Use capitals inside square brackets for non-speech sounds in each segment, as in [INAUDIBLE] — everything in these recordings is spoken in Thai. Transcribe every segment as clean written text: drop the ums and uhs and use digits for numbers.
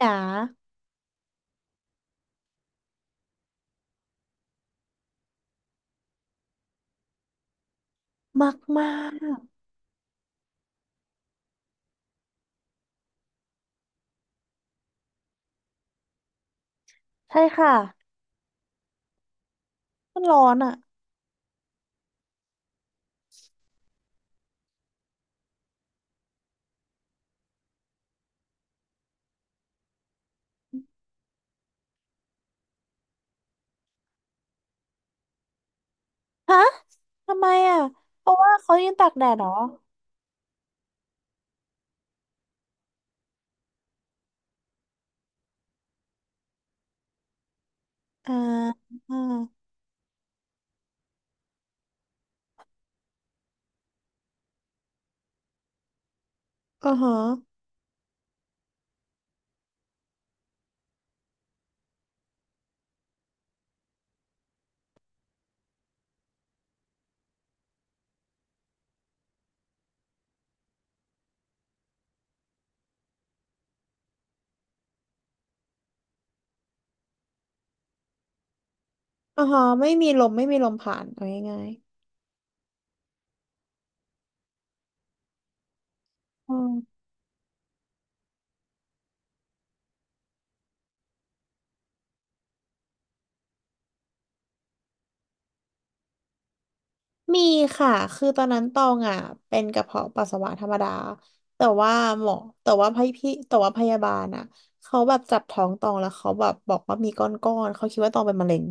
หนามากมากใช่ค่ะมันร้อนอ่ะฮะทำไมอ่ะเพราะว่าเขายืนตากแดดเหรออ่าอ่าอ่าฮะอ่าฮะไม่มีลมผ่านเอาง่ายๆอืมมีค่ะคือตอนนั้นตองอ่ะเป็นกระเพาะปัสสาวะธรรมดาแต่ว่าหมอแต่ว่าแต่ว่าพยาบาลอ่ะเขาแบบจับท้องตองแล้วเขาแบบบอกว่ามีก้อนๆเขาคิดว่าตองเป็นมะเร็ง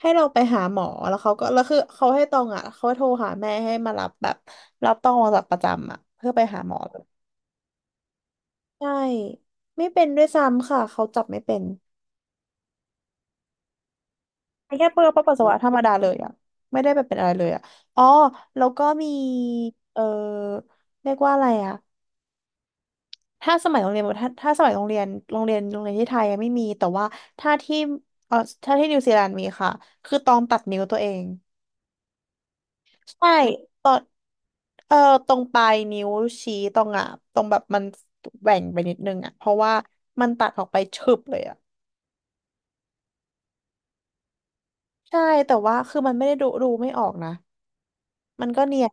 ให้เราไปหาหมอแล้วเขาก็แล้วคือเขาให้ตองอ่ะเขาโทรหาแม่ให้มารับแบบรับตองออกจากประจำอ่ะเพื่อไปหาหมอใช่ไม่เป็นด้วยซ้ำค่ะเขาจับไม่เป็นแค่เปื้อนปัสสาวะธรรมดาเลยอ่ะไม่ได้แบบเป็นอะไรเลยอ่ะอ๋อแล้วก็มีเออเรียกว่าอะไรอ่ะถ้าสมัยโรงเรียนถ้าสมัยโรงเรียนโรงเรียนที่ไทยอะไม่มีแต่ว่าถ้าที่เออถ้าที่นิวซีแลนด์มีค่ะคือตองตัดนิ้วตัวเองใช่ เออตรงปลายนิ้วชี้ตรงอ่ะตรงแบบมันแหว่งไปนิดนึงอ่ะเพราะว่ามันตัดออกไปฉึบเลยอ่ะใช่แต่ว่าคือมันไม่ได้ดูไม่ออกนะมันก็เนียน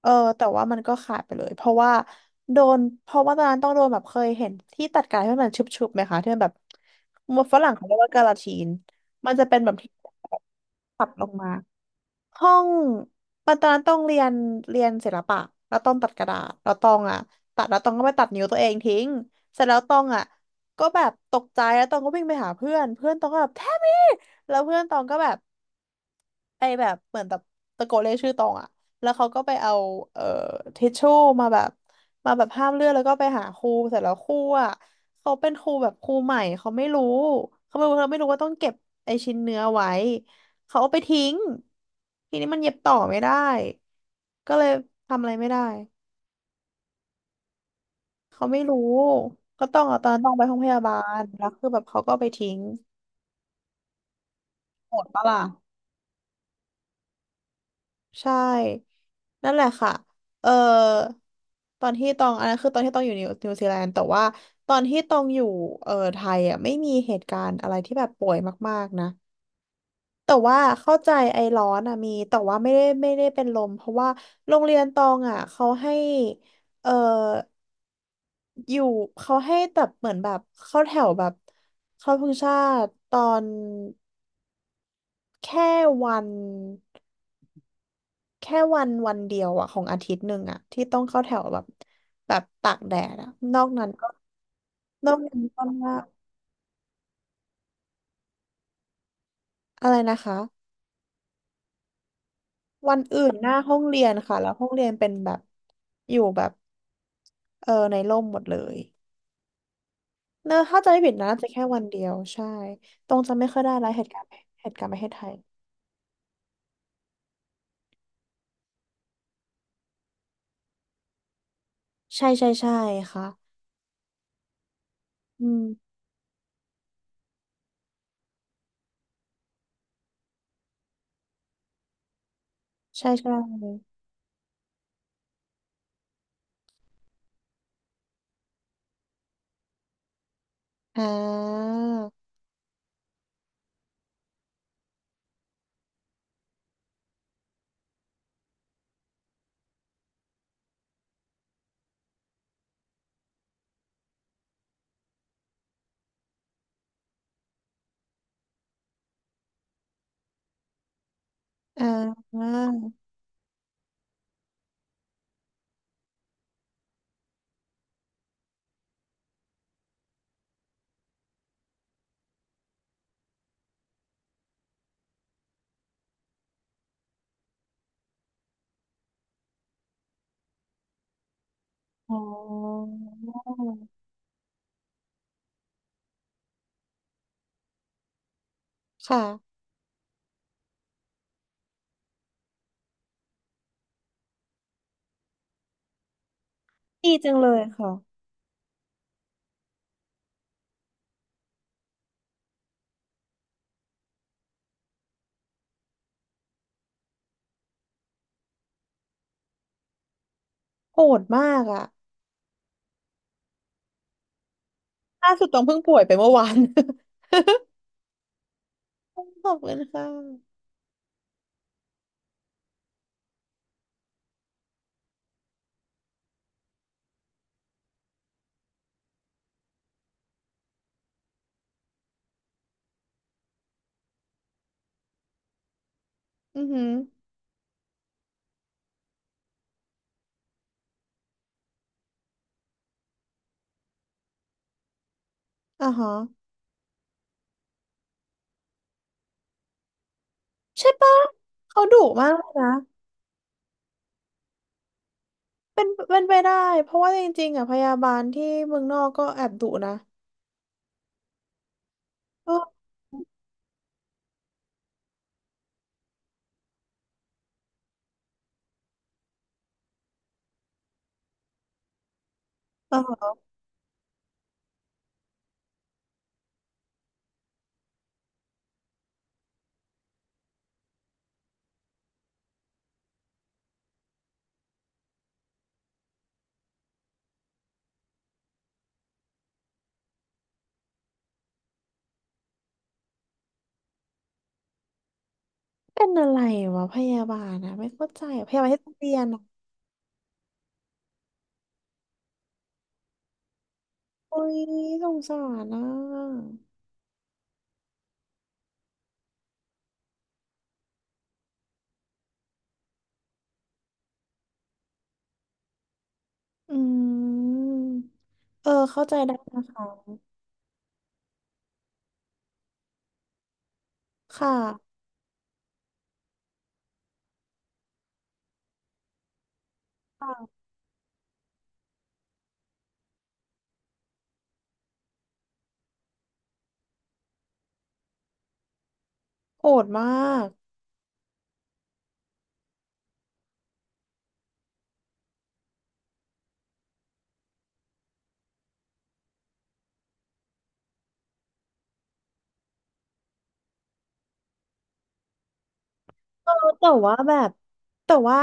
เออแต่ว่ามันก็ขาดไปเลยเพราะว่าโดนเพราะว่าตอนนั้นต้องโดนแบบเคยเห็นที่ตัดกายที่มันชุบๆไหมคะที่มันแบบฝรั่งเขาเรียกว่ากาลาทีนมันจะเป็นแบบที่ตัดลงมา ห้องปัตอนนั้นต้องเรียนเรียนศิลปะแล้วต้องตัดกระดาษแล้วต้องตัดแล้วต้องก็ไปตัดนิ้วตัวเองทิ้งเสร็จแล้วต้องอ่ะก็แบบตกใจแล้วต้องก็วิ่งไปหาเพื่อนเพื่อนต้องก็แบบแทมมี่แล้วเพื่อนต้องก็แบบ ไอแบบเหมือนแบบตะโกนเรียกชื่อตองอะแล้วเขาก็ไปเอาเอ่อทิชชู่มาแบบมาแบบห้ามเลือดแล้วก็ไปหาครูเสร็จแล้วครูอะเขาเป็นครูแบบครูใหม่เขาไม่รู้เขาไม่รู้ว่าต้องเก็บไอชิ้นเนื้อไว้เขาเอาไปทิ้งทีนี้มันเย็บต่อไม่ได้ก็เลยทำอะไรไม่ได้เขาไม่รู้ก็ต้องเอาตอนนั้นต้องไปห้องพยาบาลแล้วคือแบบเขาก็เอาไปทิ้งโหดปะล่ะ ใช่นั่นแหละค่ะเอ่อตอนที่ตองอันนั้นคือตอนที่ตองอยู่นิวซีแลนด์แต่ว่าตอนที่ตองอยู่ไทยอ่ะไม่มีเหตุการณ์อะไรที่แบบป่วยมากๆนะแต่ว่าเข้าใจไอร้อนอ่ะมีแต่ว่าไม่ได้เป็นลมเพราะว่าโรงเรียนตองอ่ะเขาให้เอ่ออยู่เขาให้แบบเหมือนแบบเข้าแถวแบบเข้าธงชาติตอนแค่วัน แค่วันเดียวอะของอาทิตย์หนึ่งอะที่ต้องเข้าแถวแบบแบบตากแดดอะนอกนั้นก็นอกนั้นก็ว่าอะไรนะคะวันอื่นหน้าห้องเรียนค่ะแล้วห้องเรียนเป็นแบบอยู่แบบเออในร่มหมดเลยเนอะถ้าจะไม่ผิดนะน่าจะแค่วันเดียวใช่ตรงจะไม่ค่อยได้รายเหตุการณ์เหตุการณ์ประเทศไทยใช่ใช่ใช่ค่ะอืมใช่ใช่อ่าอ่าอ๋อค่ะดีจังเลยค่ะ โหดมากอ่ะล่าสุดต้องเพิ่งป่วยไปเมื่อวาน [LAUGHS] ขอบคุณค่ะอือหืออ่าฮะใช่ปะเขาดุมากเลยนะเป็นเป็นไปได้เพราะว่าจริงๆอ่ะพยาบาลที่เมืองนอกก็แอบดุนะเออเออเป็นอะไรวะพยาบาลนะไม่เข้าใจอะพยาบาลที่ต้องเรียนอะโอ้ยสงสารนะอืมเออเข้าใจได้นะคะค่ะค่ะโหดมาก เออแต่ว่าแบบแต่ว่า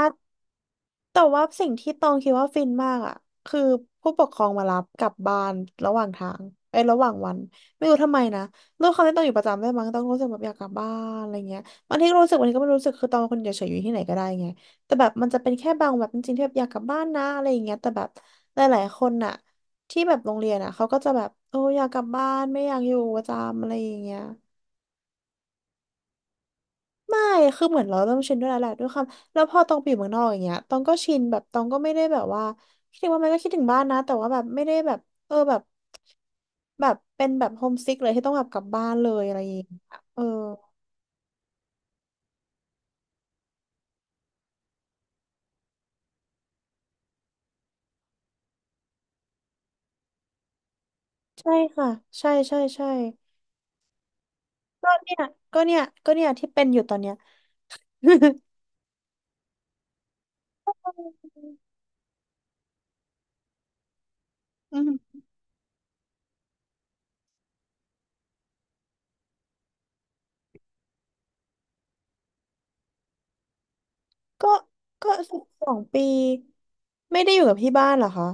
แต่ว่าสิ่งที่ตองคิดว่าฟินมากอ่ะคือผู้ปกครองมารับกลับบ้านระหว่างทางเอ้ยระหว่างวันไม่รู้ทำไมนะด้วยความที่ตองอยู่ประจำด้วยมั้งตองรู้สึกแบบอยากกลับบ้านอะไรเงี้ยบางทีก็รู้สึกบางทีก็ไม่รู้สึกคือตองเป็นคนเฉยๆอยู่ที่ไหนก็ได้ไงแต่แบบมันจะเป็นแค่บางแบบจริงๆที่แบบอยากกลับบ้านนะอะไรอย่างเงี้ยแต่แบบหลายๆคนน่ะที่แบบโรงเรียนอ่ะเขาก็จะแบบโอ้อยากกลับบ้านไม่อยากอยู่ประจำอะไรอย่างเงี้ย ไม่ คือเหมือนเราเริ่มชินด้วยแล้วแหละด้วยความแล้วพอตองไปอยู่เมืองนอกอย่างเงี้ยตองก็ชินแบบตองก็ไม่ได้แบบว่าคิดถึงว่ามันก็คิดถึงบ้านนะแต่ว่าแบบไม่ได้แบบเออแบบแบบเป็นแบบโฮมซิกเลยที่ต้องแบบกลับบ้านเลยอะไรอย่างเงี้ยเออใช่ค่ะใช่ใช่ใช่ก็เนี่ยก็เนี่ยที่เป็นอยู่ตอนเนี้ย [LAUGHS] อืมก็ก็12 ปีไม่ได้อยู่กับที่บ้านเหรอคะ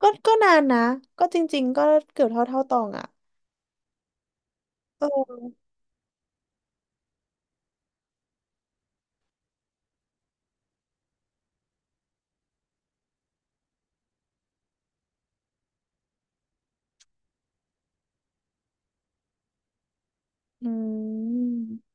ก็นานนะก็จริงๆก็เกือบเท่าตองอ่ะเอออืม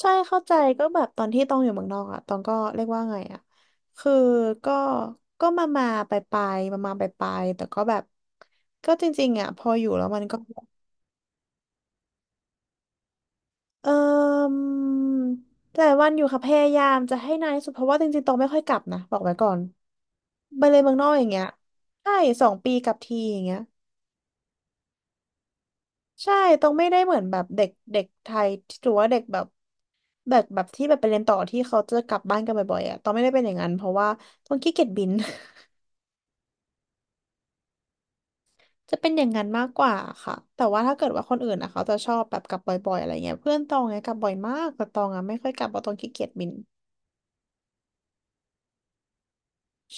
ใช่เข้าใจก็แบบตอนที่ตองอยู่เมืองนอกอ่ะตองก็เรียกว่าไงอ่ะคือก็ก็มามาไปไปมามาไปไปแต่ก็แบบก็จริงๆอ่ะพออยู่แล้วมันก็เออแต่วันอยู่ค่ะพยายามจะให้นานที่สุดเพราะว่าจริงๆตองไม่ค่อยกลับนะบอกไว้ก่อนไปเลยเมืองนอกอย่างเงี้ยใช่2 ปีกลับทีอย่างเงี้ย ใช่ตรงไม่ได้เหมือนแบบเด็กเด็กไทยหรือว่าเด็กแบบแบบที่แบบไปเรียนต่อที่เขาจะกลับบ้านกันบ่อยๆอ่ะตองไม่ได้เป็นอย่างนั้นเพราะว่าตองขี้เกียจบิน [LAUGHS] จะเป็นอย่างนั้นมากกว่าค่ะแต่ว่าถ้าเกิดว่าคนอื่นอ่ะเขาจะชอบแบบกลับบ่อยๆอะไรเงี้ยเพื่อนตองไงกลับบ่อยมากแต่ตองอ่ะไม่ค่อยกลับเพราะตองขี้เกียจบิน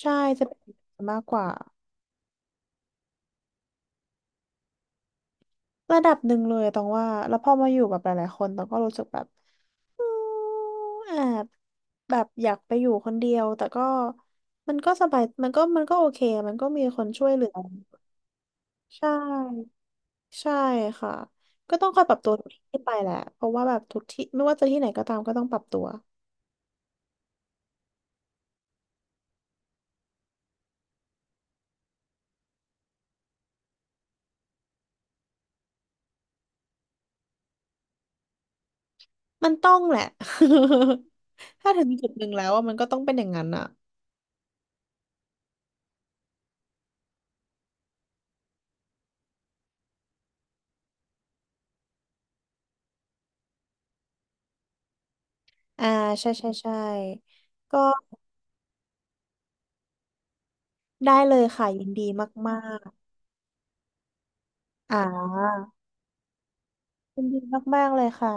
ใช่จะเป็นอย่างนั้นมากกว่า ระดับหนึ่งเลยอะตองว่าแล้วพอมาอยู่กับหลายๆคนตองก็รู้สึกแบบอืมแอบแบบอยากไปอยู่คนเดียวแต่ก็มันก็สบายมันก็มันก็โอเคมันก็มีคนช่วยเหลือใช่ใช่ค่ะก็ต้องคอยปรับตัวทุกที่ไปแหละเพราะว่าแบบทุกที่ไม่ว่าจะที่ไหนก็ตามก็ต้องปรับตัวมันต้องแหละ [LAUGHS] ถ้าถึงจุดหนึ่งแล้วอะมันก็ต้องเป็นอย่างนั้นอ่ะอ่าใช่ใช่ใช่ก็ได้เลยค่ะยินดีมากๆยินดีมากๆเลยค่ะ